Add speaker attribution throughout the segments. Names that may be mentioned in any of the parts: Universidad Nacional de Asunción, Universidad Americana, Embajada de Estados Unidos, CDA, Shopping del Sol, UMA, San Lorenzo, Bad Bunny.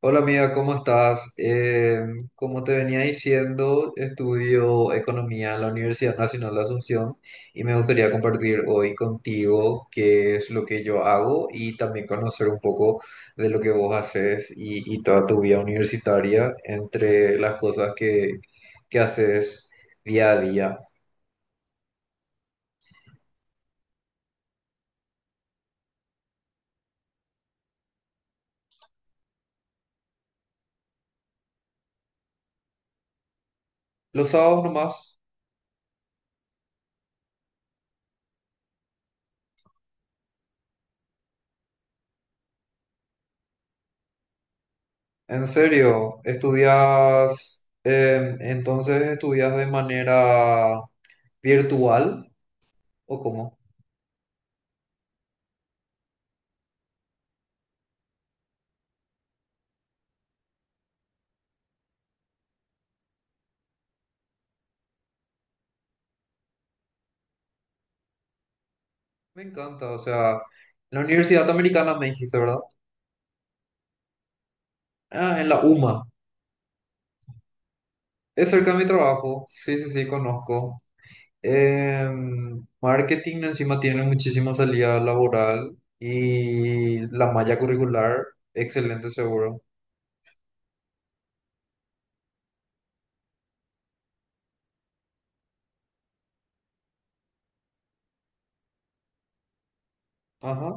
Speaker 1: Hola amiga, ¿cómo estás? Como te venía diciendo, estudio economía en la Universidad Nacional de Asunción y me gustaría compartir hoy contigo qué es lo que yo hago y también conocer un poco de lo que vos haces y toda tu vida universitaria entre las cosas que haces día a día. Los sábados nomás, en serio, estudias, entonces estudias de manera virtual. ¿O cómo? Me encanta, o sea, en la Universidad Americana me dijiste, ¿verdad? Ah, en la UMA. Es cerca de mi trabajo. Sí, sí, sí, conozco. Marketing encima tiene muchísima salida laboral y la malla curricular, excelente seguro. Ajá,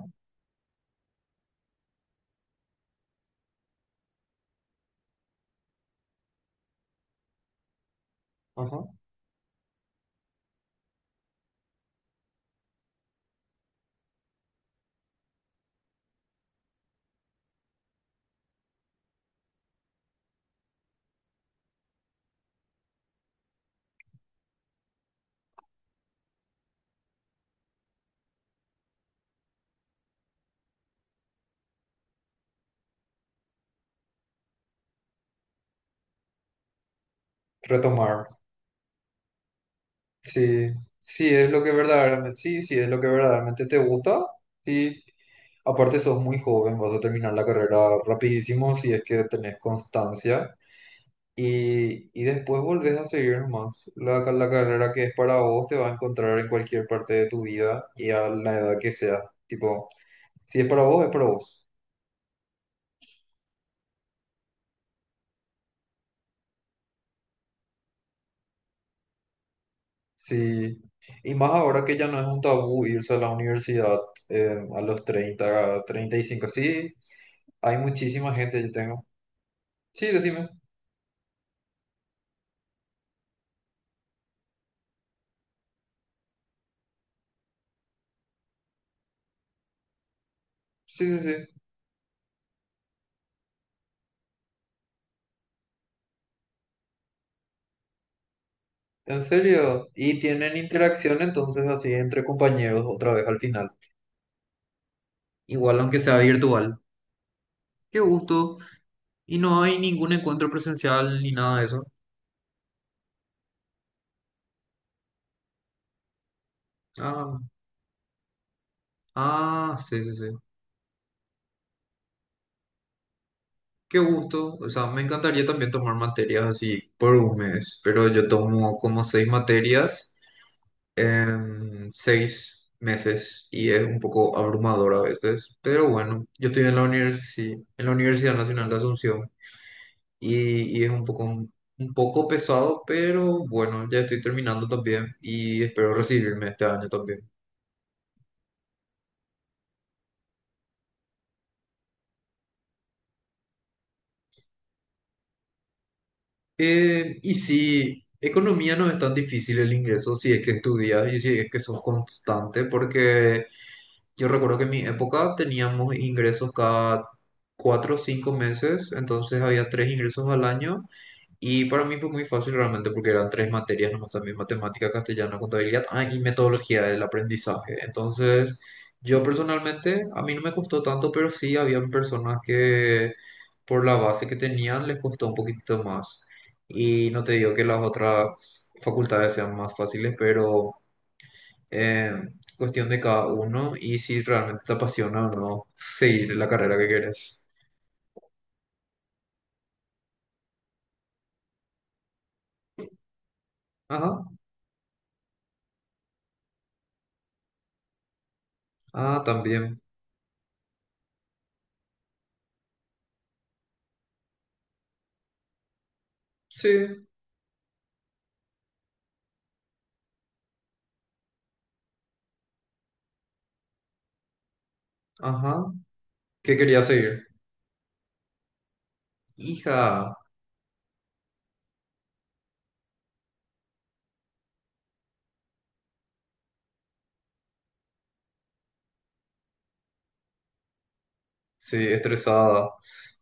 Speaker 1: ajá. Retomar. Sí, sí, es lo que verdaderamente, sí, sí, es lo que verdaderamente te gusta. Y aparte sos muy joven, vas a terminar la carrera rapidísimo si es que tenés constancia. Y después volvés a seguir nomás. La carrera que es para vos te va a encontrar en cualquier parte de tu vida y a la edad que sea. Tipo, si es para vos, es para vos. Sí. Y más ahora que ya no es un tabú irse a la universidad a los 30, a 35. Sí, hay muchísima gente, yo tengo. Sí, decime. Sí, sí, sí. En serio. Y tienen interacción entonces así entre compañeros otra vez al final. Igual aunque sea virtual. Qué gusto. Y no hay ningún encuentro presencial ni nada de eso. Ah, ah, sí, sí, sí. Qué gusto. O sea, me encantaría también tomar materias así por un mes, pero yo tomo como seis materias en 6 meses y es un poco abrumador a veces. Pero bueno, yo estoy en la en la Universidad Nacional de Asunción y es un poco pesado, pero bueno, ya estoy terminando también y espero recibirme este año también. Y sí, economía no es tan difícil el ingreso si es que estudias y si es que sos constante, porque yo recuerdo que en mi época teníamos ingresos cada 4 o 5 meses, entonces había tres ingresos al año y para mí fue muy fácil realmente porque eran tres materias nomás también, matemática, castellano, contabilidad, y metodología del aprendizaje. Entonces, yo personalmente, a mí no me costó tanto, pero sí habían personas que por la base que tenían les costó un poquitito más. Y no te digo que las otras facultades sean más fáciles, pero eh, cuestión de cada uno y si realmente te apasiona o no seguir la carrera que quieres. Ajá, ah, también. Sí, ajá. ¿Qué quería seguir? Hija, sí, estresada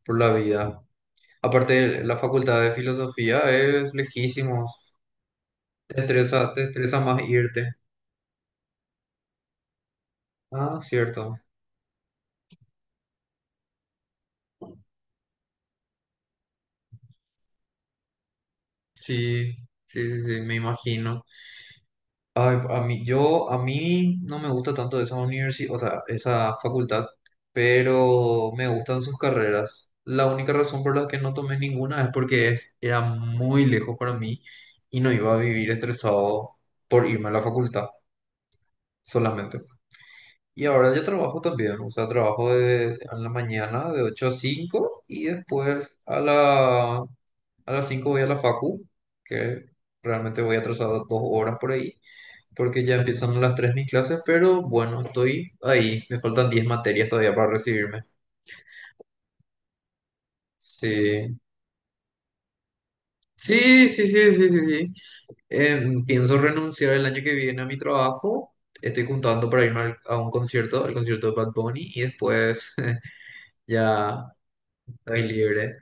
Speaker 1: por la vida. Aparte, la facultad de filosofía es lejísimos. Te estresa más irte. Ah, cierto. Sí, sí, sí, sí, me imagino. Ay, a mí, yo, a mí no me gusta tanto esa universidad, o sea, esa facultad, pero me gustan sus carreras. La única razón por la que no tomé ninguna es porque era muy lejos para mí y no iba a vivir estresado por irme a la facultad solamente. Y ahora yo trabajo también, o sea, trabajo en la mañana de 8 a 5 y después a a las 5 voy a la facu, que realmente voy atrasado 2 horas por ahí, porque ya empiezan a las 3 mis clases, pero bueno, estoy ahí, me faltan 10 materias todavía para recibirme. Sí, sí, sí, sí, sí, sí, sí. Pienso renunciar el año que viene a mi trabajo. Estoy juntando para irme a un concierto, al concierto de Bad Bunny, y después ya estoy libre.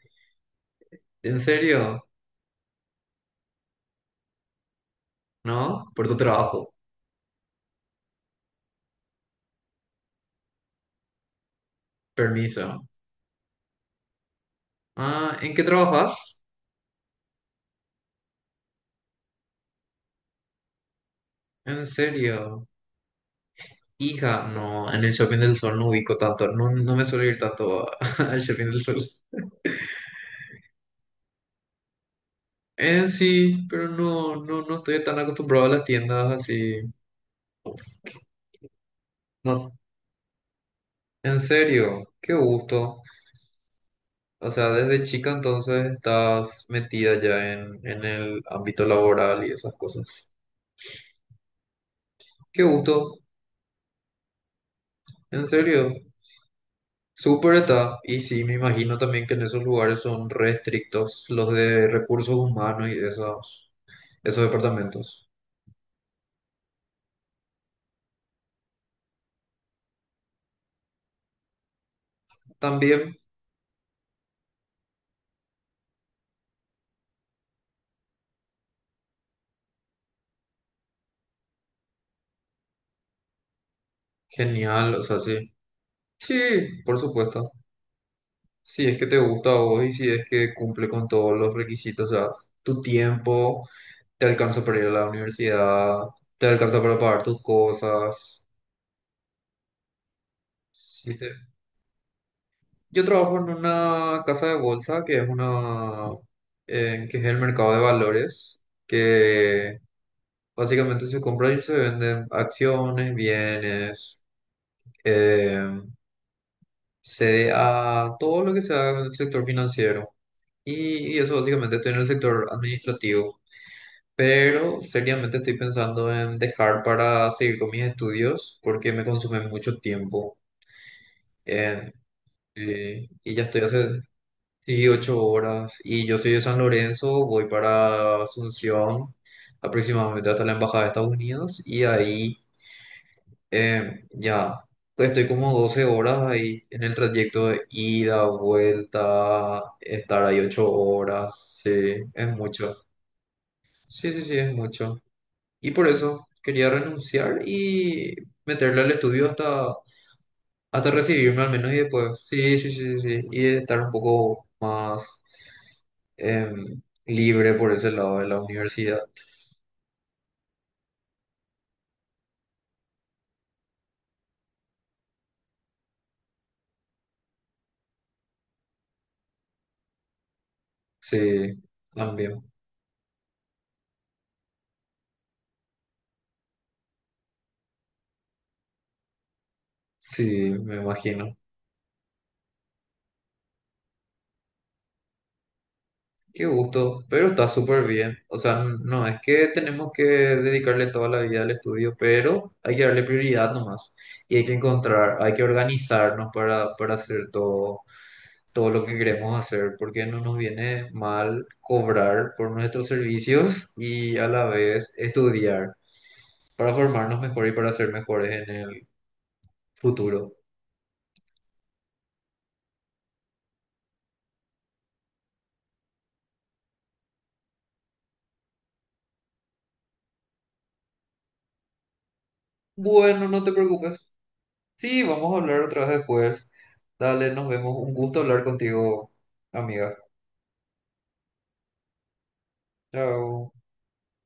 Speaker 1: ¿En serio? ¿No? Por tu trabajo. Permiso. Ah, ¿en qué trabajas? ¿En serio? Hija, no, en el Shopping del Sol no ubico tanto. No, no me suelo ir tanto al Shopping del Sol. En sí, pero no, no, no estoy tan acostumbrado a las tiendas así. No, en serio, qué gusto. O sea, desde chica entonces estás metida ya en, el ámbito laboral y esas cosas. Qué gusto, en serio. Súper está, y sí, me imagino también que en esos lugares son restrictos los de recursos humanos y esos departamentos. También, genial, o sea, sí. Sí, por supuesto. Si es que te gusta a vos y si es que cumple con todos los requisitos, o sea, tu tiempo, te alcanza para ir a la universidad, te alcanza para pagar tus cosas. Sí, te... Yo trabajo en una casa de bolsa que es una, que es el mercado de valores, que básicamente se compran y se venden acciones, bienes, eh, CDA, todo lo que sea en el sector financiero. Y eso básicamente estoy en el sector administrativo. Pero seriamente estoy pensando en dejar para seguir con mis estudios porque me consume mucho tiempo. Eh, y ya estoy hace. Sí, 8 horas. Y yo soy de San Lorenzo, voy para Asunción, aproximadamente hasta la Embajada de Estados Unidos, y ahí ya estoy como 12 horas ahí en el trayecto de ida, vuelta, estar ahí 8 horas. Sí, es mucho. Sí, sí, sí, es mucho. Y por eso quería renunciar y meterle al estudio hasta recibirme al menos y después, sí, sí, sí, sí, sí, y estar un poco más em, libre por ese lado de la universidad. Sí, también, sí, me imagino. Qué gusto, pero está súper bien. O sea, no es que tenemos que dedicarle toda la vida al estudio, pero hay que darle prioridad nomás. Y hay que encontrar, hay que organizarnos para hacer todo lo que queremos hacer, porque no nos viene mal cobrar por nuestros servicios y a la vez estudiar para formarnos mejor y para ser mejores en el futuro. Bueno, no te preocupes. Sí, vamos a hablar otra vez después. Dale, nos vemos. Un gusto hablar contigo, amiga. Chao.